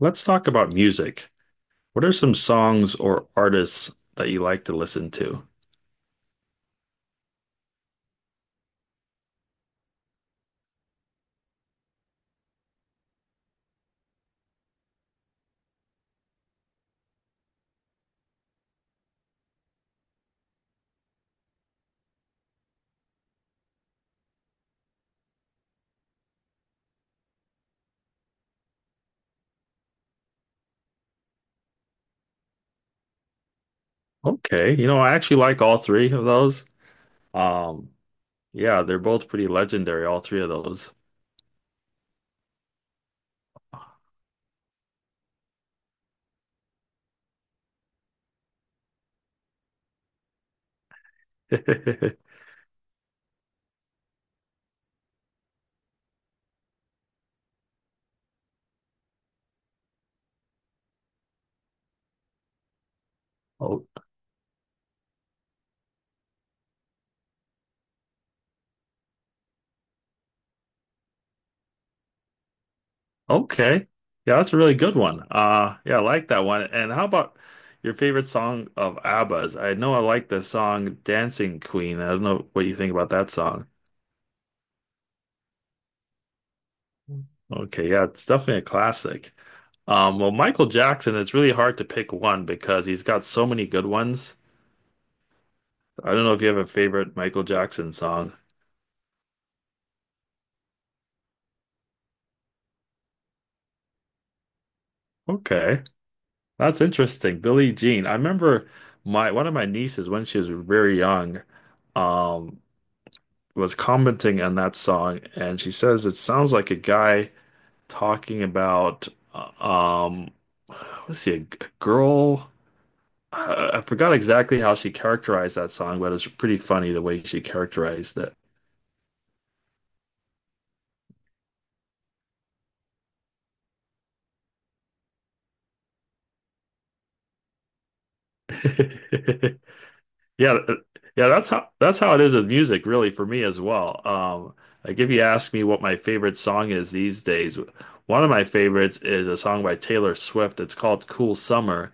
Let's talk about music. What are some songs or artists that you like to listen to? Okay, you know, I actually like all three of those. Um, yeah, they're both pretty legendary, all three of those. Oh, okay. Yeah, that's a really good one. Yeah, I like that one. And how about your favorite song of ABBA's? I know I like the song Dancing Queen. I don't know what you think about that song. Okay, yeah, it's definitely a classic. Well, Michael Jackson, it's really hard to pick one because he's got so many good ones. I don't know if you have a favorite Michael Jackson song. Okay, that's interesting. Billie Jean. I remember my one of my nieces when she was very young. Um, was commenting on that song, and she says it sounds like a guy talking about uh, um, was he a girl? I forgot exactly how she characterized that song, but it's pretty funny the way she characterized it. Yeah, th- yeah, that's how it is with music, really, for me as well. Like if you ask me what my favorite song is these days, one of my favorites is a song by Taylor Swift. It's called Cool Summer,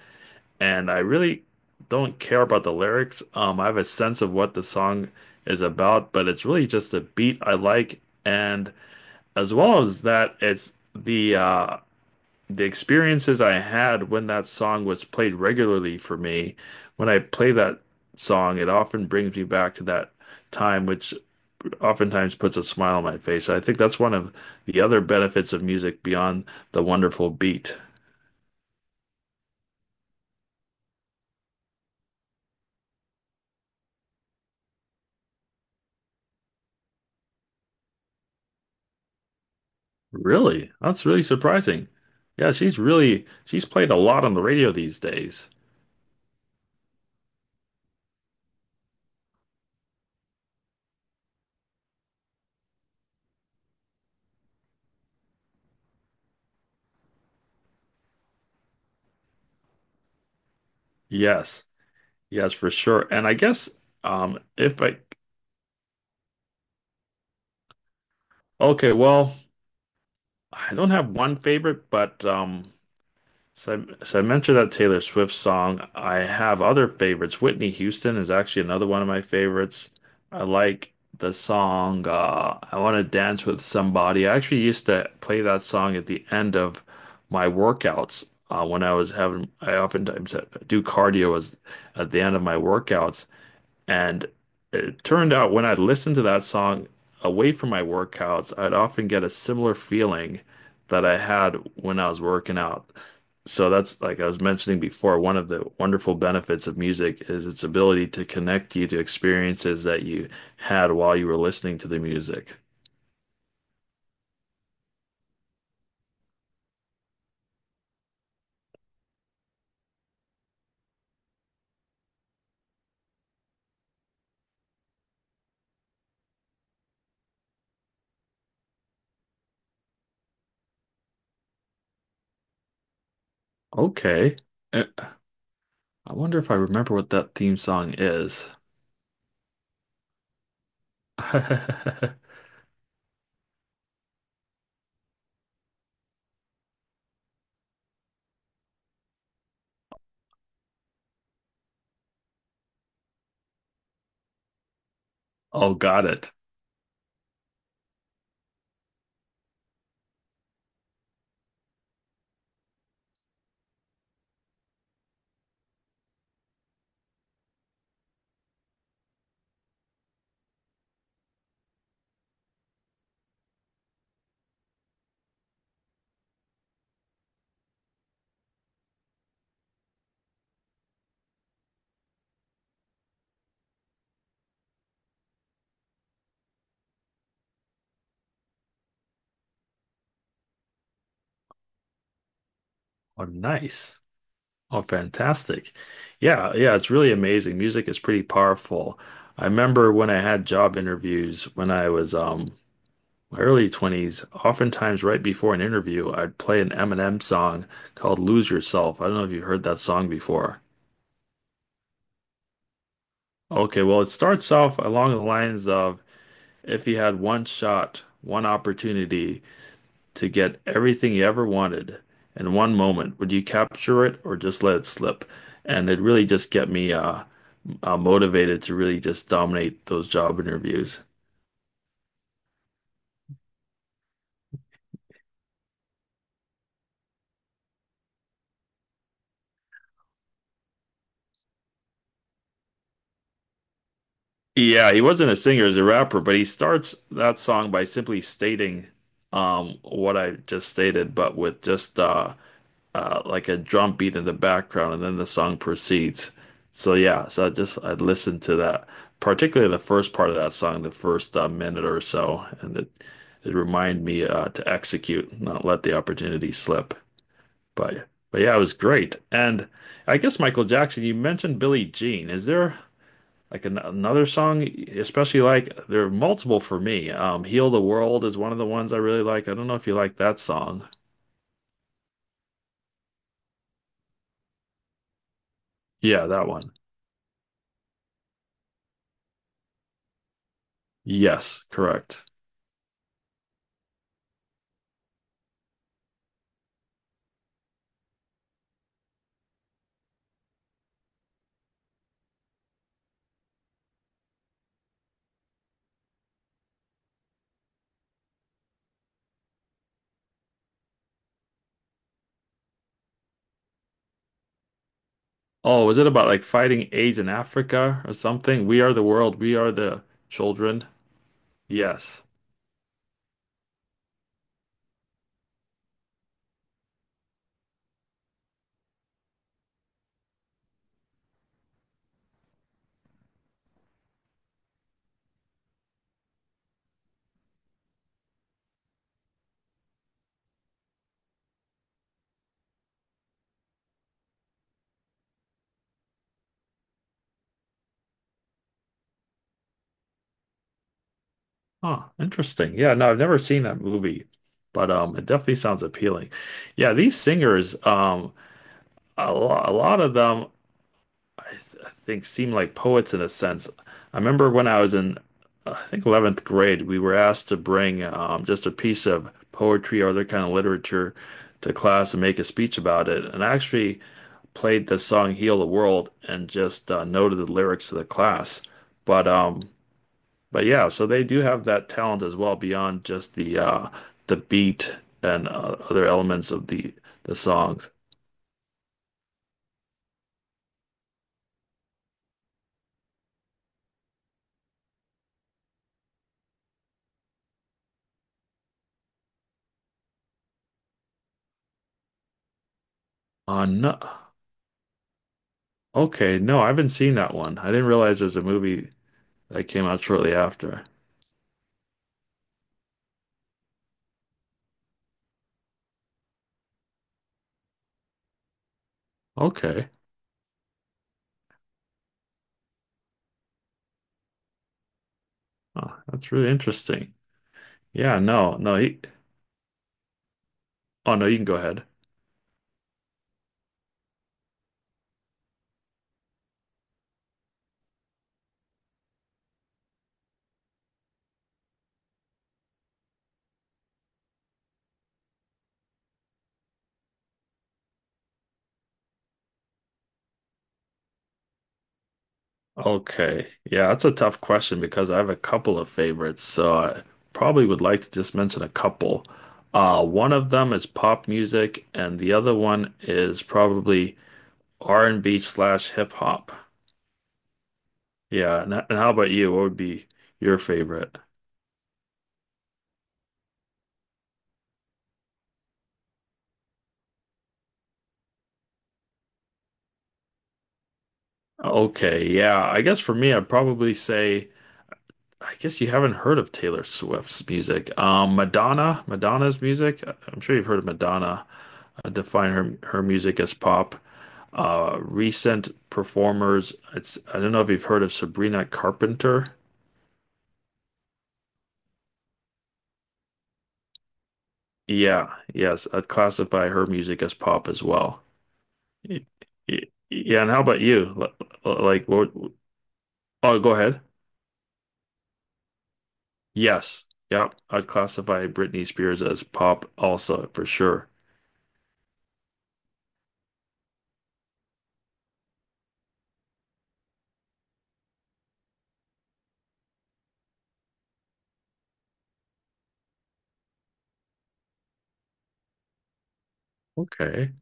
and I really don't care about the lyrics. I have a sense of what the song is about, but it's really just a beat I like, and as well as that, it's the experiences I had when that song was played regularly for me. When I play that song, it often brings me back to that time, which oftentimes puts a smile on my face. I think that's one of the other benefits of music beyond the wonderful beat. Really? That's really surprising. Yeah, she's played a lot on the radio these days. Yes. Yes, for sure. And I guess if I okay, well, I don't have one favorite, but so, so I mentioned that Taylor Swift song. I have other favorites. Whitney Houston is actually another one of my favorites. I like the song I Want to Dance with Somebody. I actually used to play that song at the end of my workouts when I was I oftentimes do cardio as at the end of my workouts. And it turned out when I listened to that song away from my workouts, I'd often get a similar feeling that I had when I was working out. So that's like I was mentioning before, one of the wonderful benefits of music is its ability to connect you to experiences that you had while you were listening to the music. Okay. Eh, I wonder if I remember what that theme song is. Oh, got it. Oh, nice. Oh, fantastic. Yeah, yeah, it's really amazing. Music is pretty powerful. I remember when I had job interviews when I was my early 20s. Oftentimes right before an interview, I'd play an Eminem song called Lose Yourself. I don't know if you've heard that song before. Okay, well, it starts off along the lines of, if you had one shot, one opportunity to get everything you ever wanted in one moment, would you capture it or just let it slip? And it really just get me motivated to really just dominate those job interviews. Yeah, he wasn't a singer, he a rapper, but he starts that song by simply stating what I just stated, but with just like a drum beat in the background, and then the song proceeds. So yeah, so I just I listened to that, particularly the first part of that song, the first minute or so, and it reminded me to execute, not let the opportunity slip. But yeah, it was great. And I guess Michael Jackson, you mentioned Billie Jean. Is there like an another song, especially like there are multiple for me. Heal the World is one of the ones I really like. I don't know if you like that song. Yeah, that one. Yes, correct. Oh, was it about like fighting AIDS in Africa or something? We are the world, we are the children. Yes. Huh, interesting. Yeah, no, I've never seen that movie, but it definitely sounds appealing. Yeah, these singers, a lot of them I think seem like poets in a sense. I remember when I was in, I think 11th grade, we were asked to bring just a piece of poetry or other kind of literature to class and make a speech about it. And I actually played the song "Heal the World" and just noted the lyrics to the class. But um, but yeah, so they do have that talent as well beyond just the beat and other elements of the songs. No, okay, no, I haven't seen that one. I didn't realize there's a movie that came out shortly after. Okay. Oh, that's really interesting. Yeah, no, no, he, oh no, you can go ahead. Okay. Yeah, that's a tough question because I have a couple of favorites, so I probably would like to just mention a couple. One of them is pop music, and the other one is probably R&B slash hip hop. Yeah, and how about you? What would be your favorite? Okay, yeah, I guess for me, I'd probably say, I guess you haven't heard of Taylor Swift's music. Madonna's music. I'm sure you've heard of Madonna. I define her music as pop. Recent performers. It's I don't know if you've heard of Sabrina Carpenter. Yeah, yes, I'd classify her music as pop as well. Y- y- Yeah, and how about you? Like, what? Oh, go ahead. Yes, yeah, I'd classify Britney Spears as pop also for sure. Okay.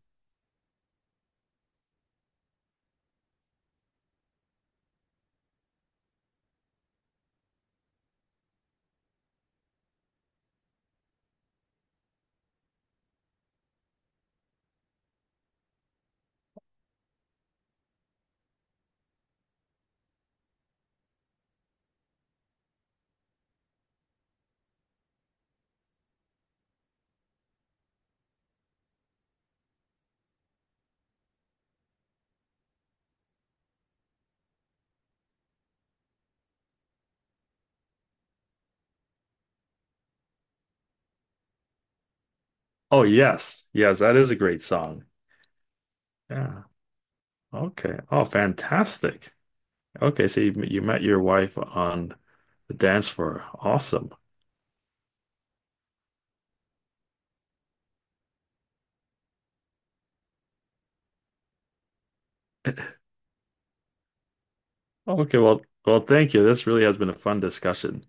Oh, yes. Yes, that is a great song. Yeah. Okay. Oh, fantastic. Okay, so you met your wife on the dance floor. Awesome. Okay, well, well, thank you. This really has been a fun discussion.